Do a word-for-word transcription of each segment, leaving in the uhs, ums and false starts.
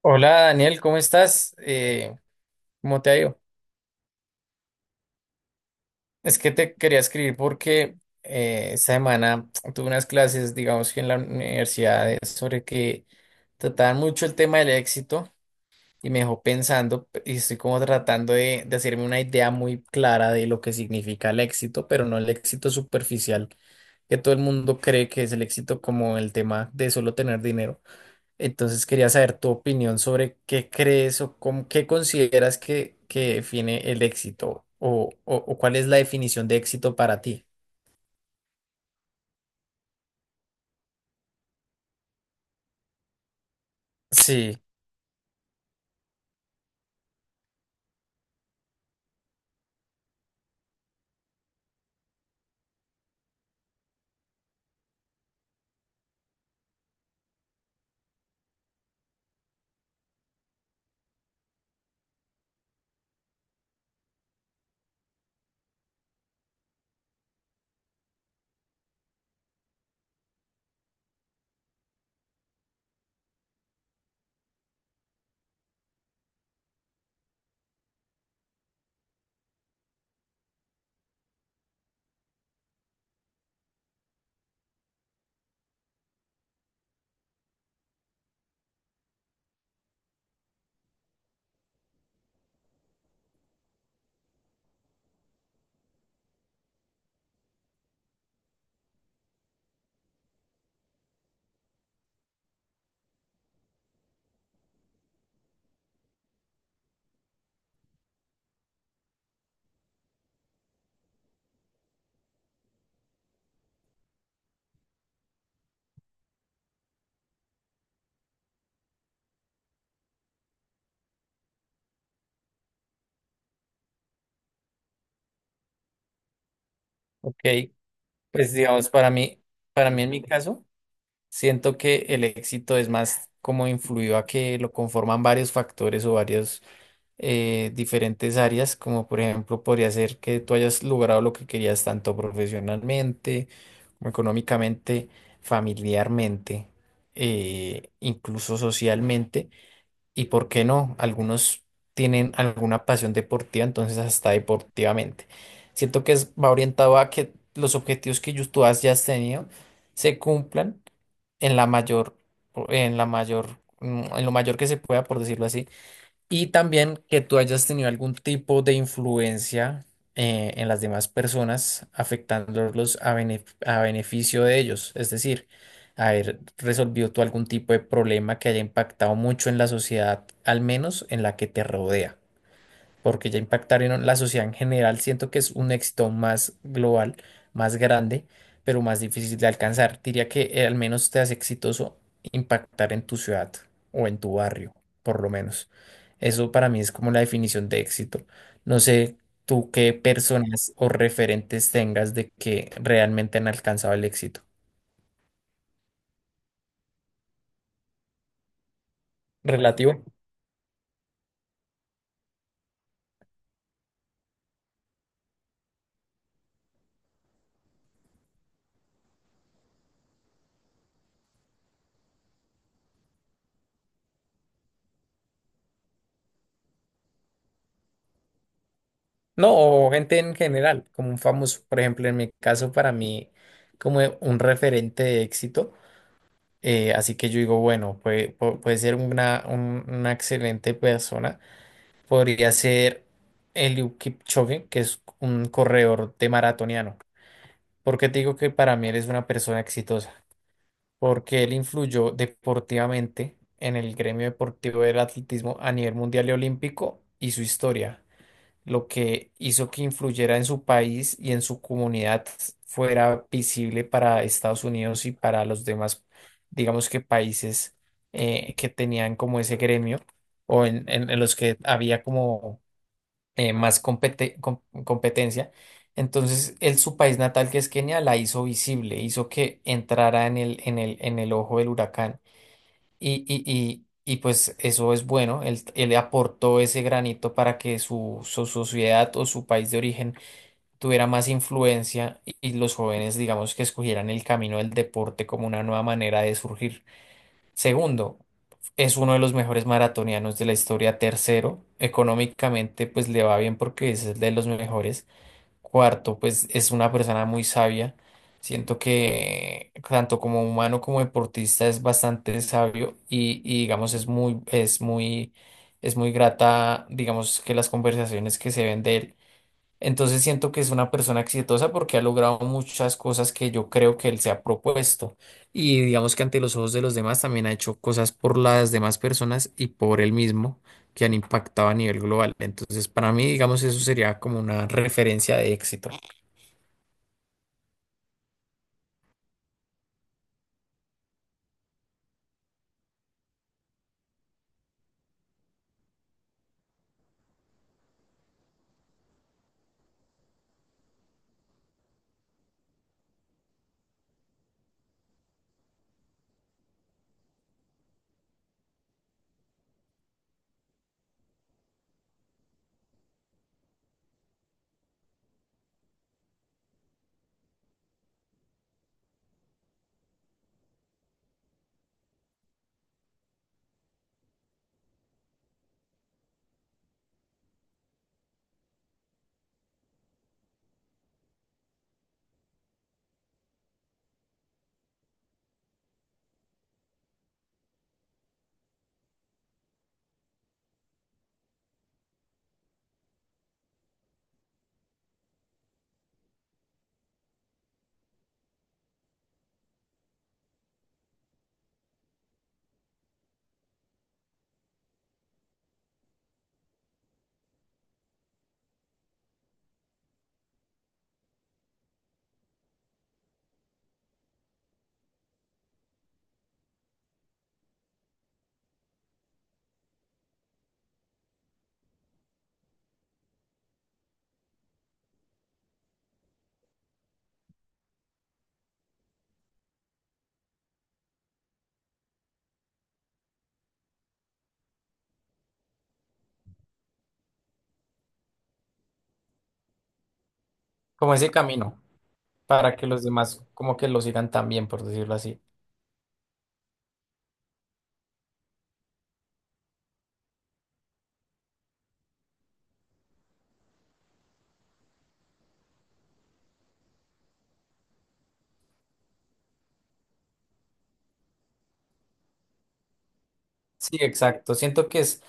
Hola Daniel, ¿cómo estás? Eh, ¿cómo te ha ido? Es que te quería escribir porque eh, esta semana tuve unas clases, digamos que en la universidad, eh, sobre que trataban mucho el tema del éxito y me dejó pensando p- y estoy como tratando de, de hacerme una idea muy clara de lo que significa el éxito, pero no el éxito superficial que todo el mundo cree que es el éxito, como el tema de solo tener dinero. Entonces quería saber tu opinión sobre qué crees o cómo, qué consideras que, que define el éxito, o, o, o cuál es la definición de éxito para ti. Sí, ok. Pues digamos, para mí, para mí en mi caso, siento que el éxito es más como influido a que lo conforman varios factores o varios, eh, diferentes áreas, como por ejemplo podría ser que tú hayas logrado lo que querías, tanto profesionalmente como económicamente, familiarmente, eh, incluso socialmente, y por qué no, algunos tienen alguna pasión deportiva, entonces hasta deportivamente. Siento que es- va orientado a que los objetivos que yo- tú has, ya has tenido, se cumplan en la mayor, en la mayor, mm, en lo mayor que se pueda, por decirlo así, y también que tú hayas tenido algún tipo de influencia, eh, en las demás personas, afectándolos a, bene- a beneficio de ellos. Es decir, haber resolvido tú algún tipo de problema que haya impactado mucho en la sociedad, al menos en la que te rodea. Porque ya impactar en la sociedad en general, siento que es un éxito más global, más grande, pero más difícil de alcanzar. Diría que eh, al menos te hace exitoso impactar en tu ciudad o en tu barrio, por lo menos. Eso para mí es como la definición de éxito. No sé tú qué personas o referentes tengas de que realmente han alcanzado el éxito. Relativo. No, o gente en general, como un famoso, por ejemplo, en mi caso, para mí, como un referente de éxito. Eh, así que yo digo, bueno, puede, pu- puede ser una, un- una excelente persona. Podría ser Eliud Kipchoge, que es un corredor de maratoniano. ¿Por qué te digo que para mí eres una persona exitosa? Porque él influyó deportivamente en el gremio deportivo del atletismo a nivel mundial y olímpico, y su historia, lo que hizo que influyera en su país y en su comunidad, fuera visible para Estados Unidos y para los demás, digamos que países, eh, que tenían como ese gremio o en, en en los que había como, eh, más compete- com- competencia. Entonces, él, su país natal, que es Kenia, la hizo visible, hizo que entrara en el, en el, en el ojo del huracán. Y, y, y, y pues eso es bueno, él, él aportó ese granito para que su, su sociedad o su país de origen tuviera más influencia, y, y los jóvenes, digamos, que escogieran el camino del deporte como una nueva manera de surgir. Segundo, es uno de los mejores maratonianos de la historia. Tercero, económicamente pues le va bien porque es el de los mejores. Cuarto, pues es una persona muy sabia. Siento que tanto como humano como deportista es bastante sabio y, y, digamos es muy, es muy, es muy grata, digamos que las conversaciones que se ven de él. Entonces siento que es una persona exitosa porque ha logrado muchas cosas que yo creo que él se ha propuesto. Y digamos que ante los ojos de los demás también ha hecho cosas por las demás personas y por él mismo que han impactado a nivel global. Entonces para mí, digamos, eso sería como una referencia de éxito, como ese camino para que los demás como que lo sigan también, por decirlo así. Sí, exacto. Siento que es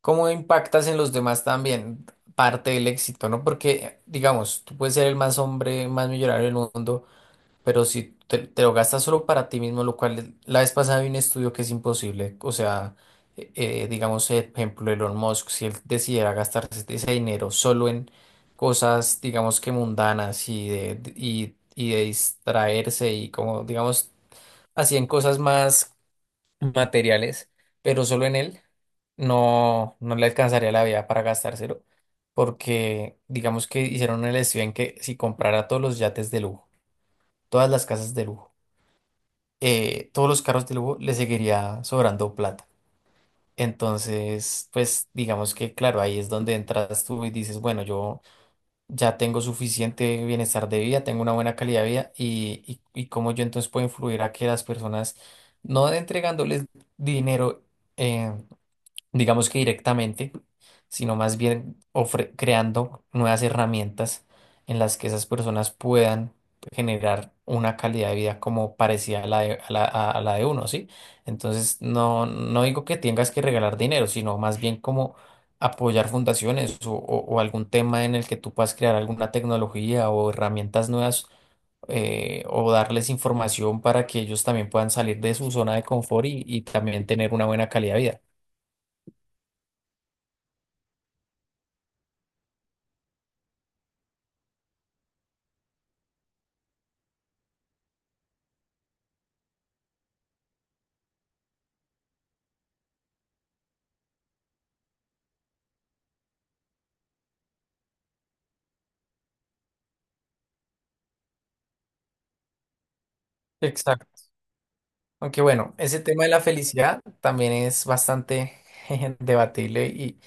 cómo impactas en los demás también, parte del éxito, ¿no? Porque, digamos, tú puedes ser el más hombre, más millonario del mundo. Pero si te, te lo gastas solo para ti mismo, lo cual es- la vez pasada vi un estudio que es imposible. O sea, eh, eh, digamos, eh, por ejemplo, Elon Musk, si él decidiera gastarse ese dinero solo en cosas, digamos que mundanas y de, de- y, y de distraerse y como, digamos, así en cosas más materiales, pero solo en él, no, no le alcanzaría la vida para gastárselo. Porque, digamos que hicieron el estudio en que si comprara todos los yates de lujo, todas las casas de lujo, eh, todos los carros del Hugo, le seguiría sobrando plata. Entonces, pues digamos que, claro, ahí es donde entras tú y dices, bueno, yo ya tengo suficiente bienestar de vida, tengo una buena calidad de vida, y, y, y cómo yo entonces puedo influir a que las personas, no entregándoles dinero, eh, digamos que directamente, sino más bien ofre- creando nuevas herramientas en las que esas personas puedan generar una calidad de vida como parecida a la de, a la, a- a la de uno, ¿sí? Entonces, no, no digo que tengas que regalar dinero, sino más bien como apoyar fundaciones, o, o- o algún tema en el que tú puedas crear alguna tecnología o herramientas nuevas, eh, o darles información para que ellos también puedan salir de su zona de confort y y también tener una buena calidad de vida. Exacto. Aunque bueno, ese tema de la felicidad también es bastante debatible, y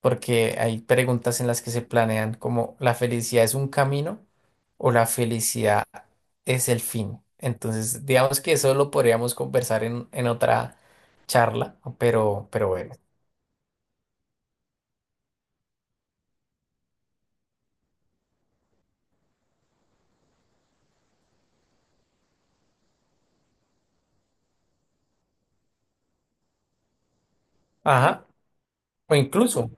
porque hay preguntas en las que se planean como la felicidad es un camino o la felicidad es el fin. Entonces, digamos que eso lo podríamos conversar en, en otra charla, pero, pero bueno. Ajá. O incluso,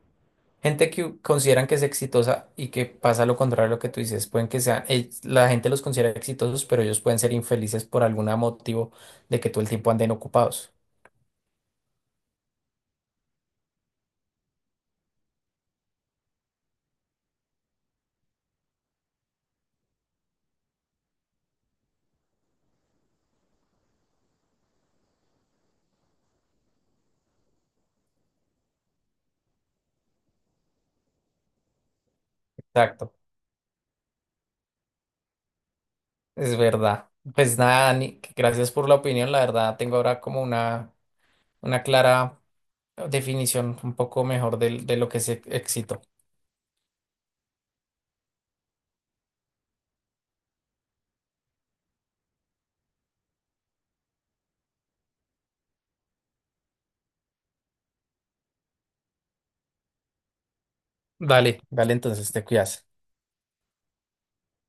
gente que consideran que es exitosa y que pasa lo contrario a lo que tú dices, pueden que sea, ell- la gente los considera exitosos, pero ellos pueden ser infelices por algún motivo de que todo el tiempo anden ocupados. Exacto, es verdad. Pues nada, Dani, que gracias por la opinión. La verdad, tengo ahora como una, una clara definición un poco mejor del- de lo que es e- éxito. Dale, dale, entonces te cuidas.